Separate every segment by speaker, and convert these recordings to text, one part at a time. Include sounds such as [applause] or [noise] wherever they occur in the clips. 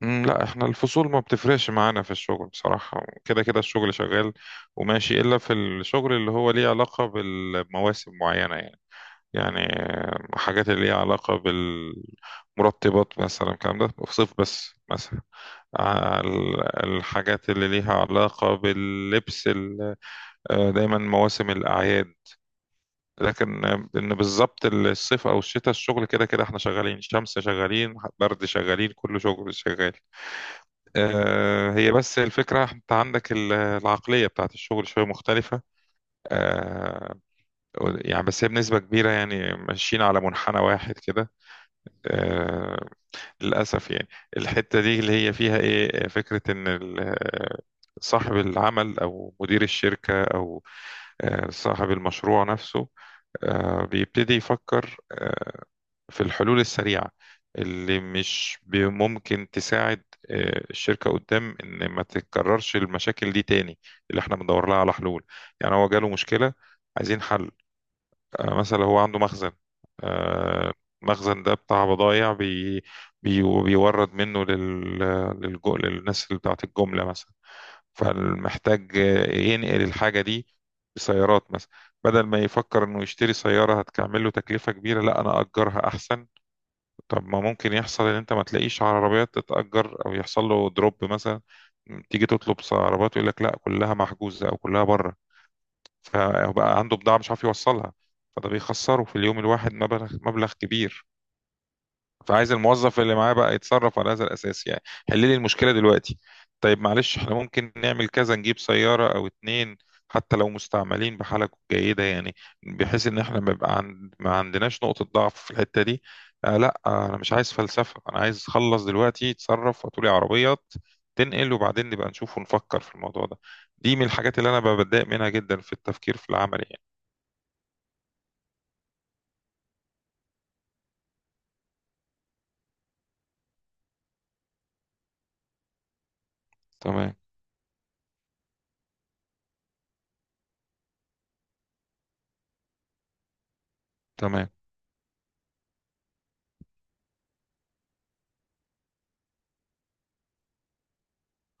Speaker 1: لا احنا الفصول ما بتفرقش معانا في الشغل بصراحة، كده كده الشغل شغال وماشي إلا في الشغل اللي هو ليه علاقة بالمواسم معينة يعني. يعني حاجات اللي ليها علاقة بالمرطبات مثلا، الكلام ده في صيف بس مثلا. الحاجات اللي ليها علاقة باللبس دايما مواسم الأعياد. لكن ان بالظبط الصيف او الشتاء، الشغل كده كده احنا شغالين شمس، شغالين برد، شغالين كل شغل شغال. هي بس الفكرة انت عندك العقلية بتاعت الشغل شوية مختلفة. آه، يعني بس هي بنسبة كبيرة يعني ماشيين على منحنى واحد كده. آه، للأسف يعني. الحتة دي اللي هي فيها ايه، فكرة ان صاحب العمل او مدير الشركة او صاحب المشروع نفسه بيبتدي يفكر في الحلول السريعة اللي مش ب- ممكن تساعد الشركة قدام، إن ما تتكررش المشاكل دي تاني، اللي إحنا بندور لها على حلول. يعني هو جاله مشكلة، عايزين حل. مثلا هو عنده مخزن آه، المخزن ده بتاع بضايع بي بيورد منه لل للناس اللي بتاعت الجملة مثلا، فمحتاج ينقل الحاجة دي بسيارات مثلا. بدل ما يفكر إنه يشتري سيارة هتكمله تكلفة كبيرة، لا أنا أجرها أحسن. طب ما ممكن يحصل ان انت ما تلاقيش عربيات تتأجر، او يحصل له دروب مثلا، تيجي تطلب عربيات يقول لك لا كلها محجوزة او كلها بره، فبقى عنده بضاعة مش عارف يوصلها، فده بيخسره في اليوم الواحد مبلغ كبير. فعايز الموظف اللي معاه بقى يتصرف على هذا الأساس يعني. حل لي المشكلة دلوقتي. طيب معلش احنا ممكن نعمل كذا، نجيب سيارة أو اتنين، حتى لو مستعملين بحالة جيدة يعني، بحيث إن احنا ما يبقى عند... ما عندناش نقطة ضعف في الحتة دي. آه لا، آه أنا مش عايز فلسفة، أنا عايز أخلص دلوقتي، تصرف وتقولي عربيات تنقل وبعدين نبقى نشوف ونفكر في الموضوع ده. دي من الحاجات اللي أنا بتضايق منها جدا في التفكير في العمل يعني. تمام، تمام،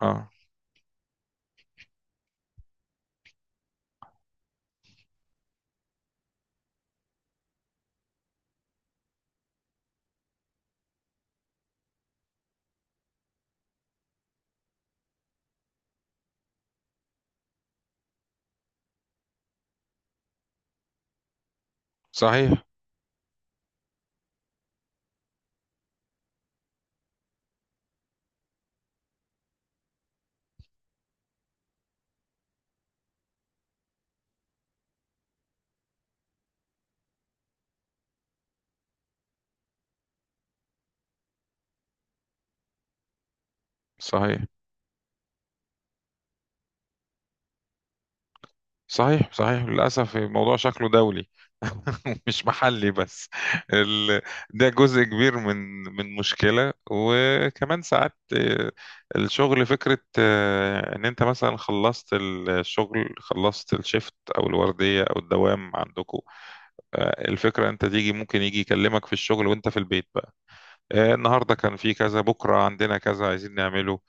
Speaker 1: اه، صحيح، صحيح. صحيح للأسف الموضوع شكله دولي، [laughs] مش محلي بس. ال... ده جزء كبير من من مشكلة. وكمان ساعات الشغل، فكرة إن أنت مثلا خلصت الشغل، خلصت الشيفت أو الوردية أو الدوام عندكم، الفكرة أنت تيجي ممكن يجي يكلمك في الشغل وأنت في البيت. النهارده كان في كذا، بكره عندنا كذا عايزين نعمله.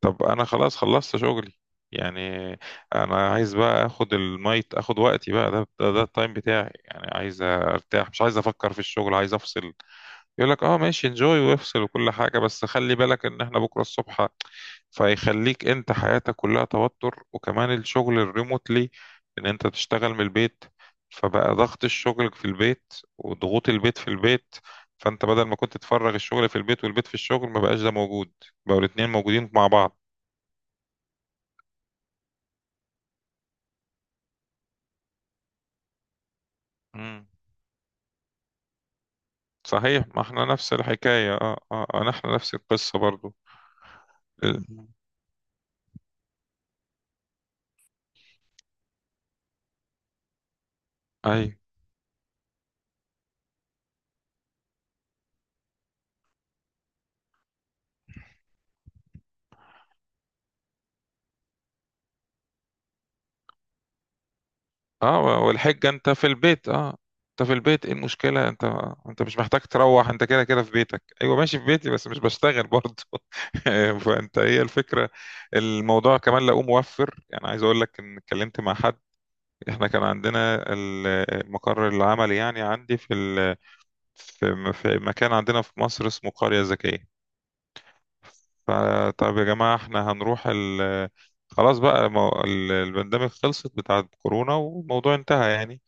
Speaker 1: طب انا خلاص خلصت شغلي يعني، انا عايز بقى اخد المايت، اخد وقتي بقى، ده التايم بتاعي يعني، عايز ارتاح، مش عايز افكر في الشغل، عايز افصل. يقول لك اه ماشي انجوي وافصل وكل حاجة، بس خلي بالك ان احنا بكرة الصبح. فيخليك انت حياتك كلها توتر. وكمان الشغل الريموتلي، ان انت تشتغل من البيت، فبقى ضغط الشغل في البيت وضغوط البيت في البيت. فانت بدل ما كنت تفرغ الشغل في البيت والبيت في الشغل، ما بقاش ده موجود، بقوا الاتنين موجودين مع بعض. مم. صحيح، ما احنا نفس الحكاية. احنا نفس القصة برضو. مم. ايوه، اه، والحجة انت في البيت، اه انت في البيت، ايه المشكلة انت، انت مش محتاج تروح، انت كده كده في بيتك. ايوه ماشي في بيتي بس مش بشتغل برضه. [laughs] فانت هي الفكرة. الموضوع كمان لقوه موفر، يعني عايز اقول لك ان اتكلمت مع حد. احنا كان عندنا المقر العملي يعني، عندي في ال... في في مكان عندنا في مصر اسمه قرية ذكية. فطب يا جماعة احنا هنروح ال... خلاص بقى، البندemig خلصت بتاعت كورونا والموضوع انتهى يعني،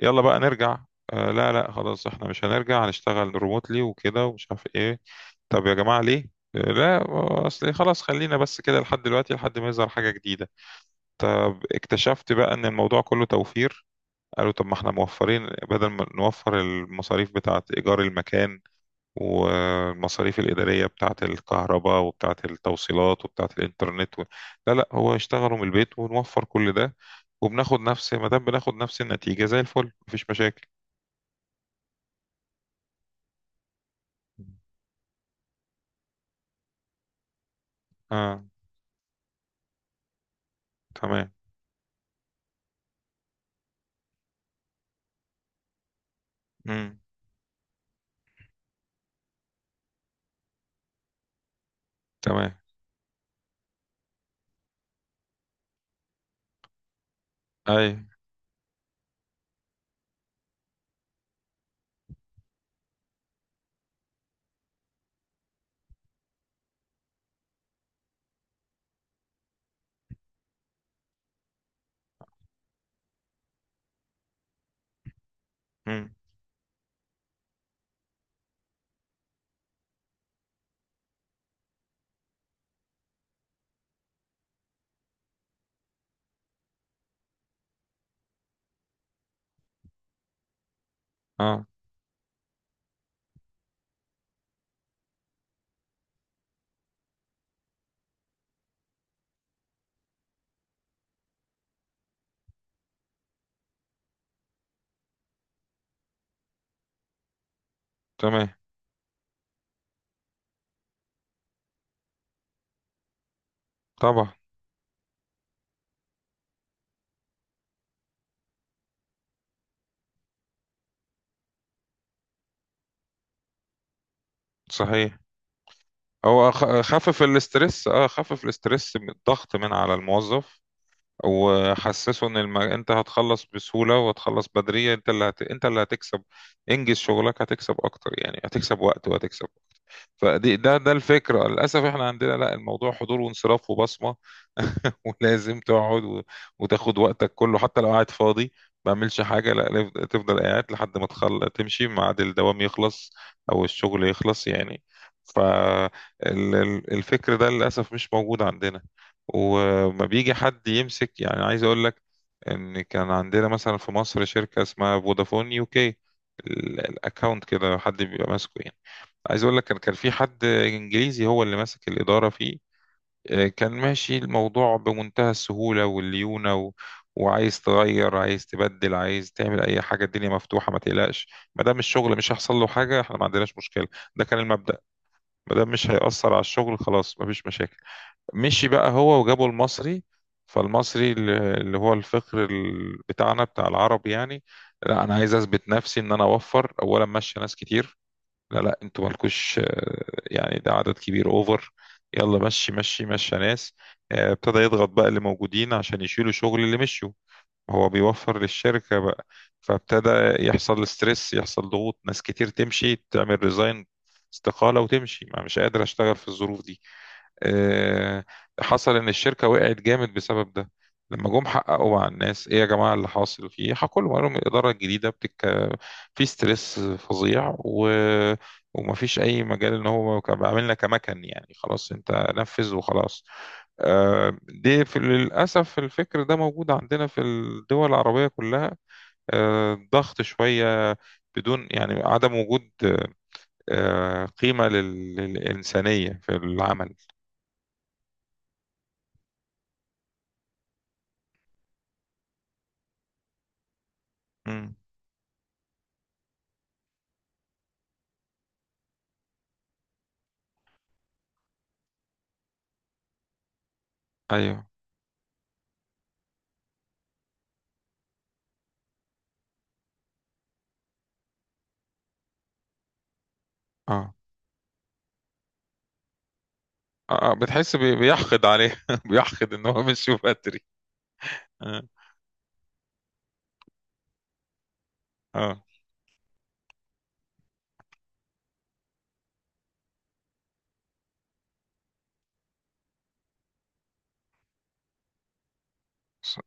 Speaker 1: يلا بقى نرجع. آه لا خلاص احنا مش هنرجع، هنشتغل ريموتلي وكده ومش عارف ايه. طب يا جماعة ليه؟ آه لا، اصل خلاص خلينا بس كده لحد دلوقتي لحد ما يظهر حاجة جديدة. طب اكتشفت بقى ان الموضوع كله توفير، قالوا طب ما احنا موفرين، بدل ما نوفر المصاريف بتاعة ايجار المكان والمصاريف الإدارية بتاعة الكهرباء وبتاعة التوصيلات وبتاعة الإنترنت و... لا لا، هو اشتغلوا من البيت ونوفر كل ده، وبناخد نفس، ما دام بناخد نفس النتيجة زي الفل، مفيش مشاكل. اه، تمام، امم، تمام، اي، امم، اه، تمام، طبعا، صحيح. هو خفف الاسترس، اه خفف الاسترس من الضغط من على الموظف، وحسسه ان الم... انت هتخلص بسهولة وهتخلص بدري، انت اللي هت... انت اللي هتكسب، انجز شغلك هتكسب اكتر يعني، هتكسب وقت وهتكسب. فدي ده الفكرة. للأسف احنا عندنا لا، الموضوع حضور وانصراف وبصمة، [laughs] ولازم تقعد وتاخد وقتك كله حتى لو قاعد فاضي ما بعملش حاجة، لا لف- تفضل قاعد لحد ما تخل... تمشي، ميعاد الدوام يخلص أو الشغل يخلص يعني. فالفكر ده للأسف مش موجود عندنا. وما بيجي حد يمسك يعني. عايز أقول لك، إن كان عندنا مثلا في مصر شركة اسمها فودافون يو كي، الأكاونت كده حد بيبقى ماسكه يعني. عايز اقول لك، كان في حد انجليزي هو اللي ماسك الاداره فيه. كان ماشي الموضوع بمنتهى السهوله والليونه و... وعايز تغير، عايز تبدل، عايز تعمل اي حاجه، الدنيا مفتوحه ما تقلقش، ما دام الشغل مش هيحصل له حاجه احنا ما عندناش مشكله. ده كان المبدأ. ما دام مش هيأثر على الشغل خلاص ما فيش مشاكل. مشي بقى هو وجابوا المصري. فالمصري اللي هو الفقر بتاعنا بتاع العرب يعني. لا انا عايز اثبت نفسي ان انا اوفر، اولا ماشي ناس كتير، لا لا انتوا مالكوش يعني ده عدد كبير، اوفر. يلا مشي يا ناس. ابتدى يضغط بقى اللي موجودين عشان يشيلوا شغل اللي مشوا، هو بيوفر للشركة بقى. فابتدى يحصل ستريس، يحصل ضغوط، ناس كتير تمشي تعمل ريزاين، استقالة وتمشي، ما مش قادر اشتغل في الظروف دي. آه، حصل ان الشركه وقعت جامد بسبب ده. لما جم حققوا مع الناس ايه يا جماعه اللي حاصل فيه، حكوا لهم، قالوا لهم الاداره الجديده بتك، في ستريس فظيع و... ومفيش اي مجال، ان هو كان بيعاملنا كمكن يعني، خلاص انت نفذ وخلاص. دي في للاسف الفكر ده موجود عندنا في الدول العربيه كلها. ضغط شويه، بدون يعني، عدم وجود قيمه للانسانيه في العمل. مم. ايوه، اه، بتحس بي- بيحقد عليه، [laughs] بيحقد ان هو مشي بدري. اه، آه. ص-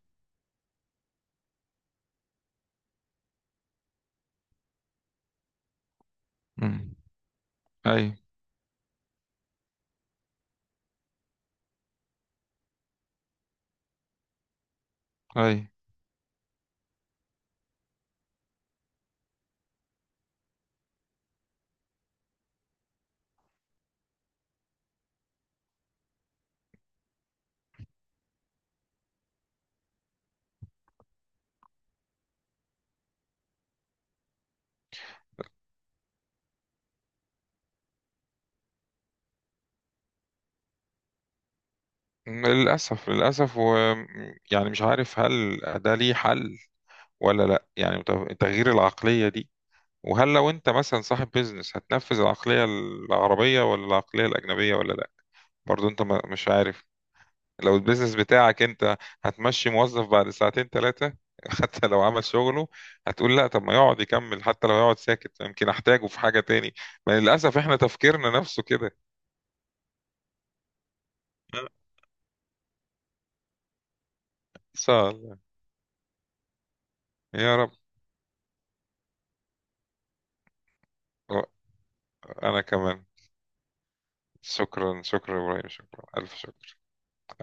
Speaker 1: مم. اي، اي، للاسف، للاسف. و يعني مش عارف هل ده ليه حل ولا لا، يعني تغيير العقليه دي، وهل لو انت مثلا صاحب بيزنس هتنفذ العقليه العربيه ولا العقليه الاجنبيه ولا لا. برضو انت مش عارف. لو البيزنس بتاعك انت، هتمشي موظف بعد ساعتين ثلاثة؟ [laughs] حتى لو عمل شغله هتقول لا، طب ما يقعد يكمل، حتى لو يقعد ساكت يمكن احتاجه في حاجة تاني. ما للأسف احنا تفكيرنا نفسه كده. ان شاء الله، يا رب، انا كمان، شكرا، شكرا يا ابراهيم، شكرا الف شكر.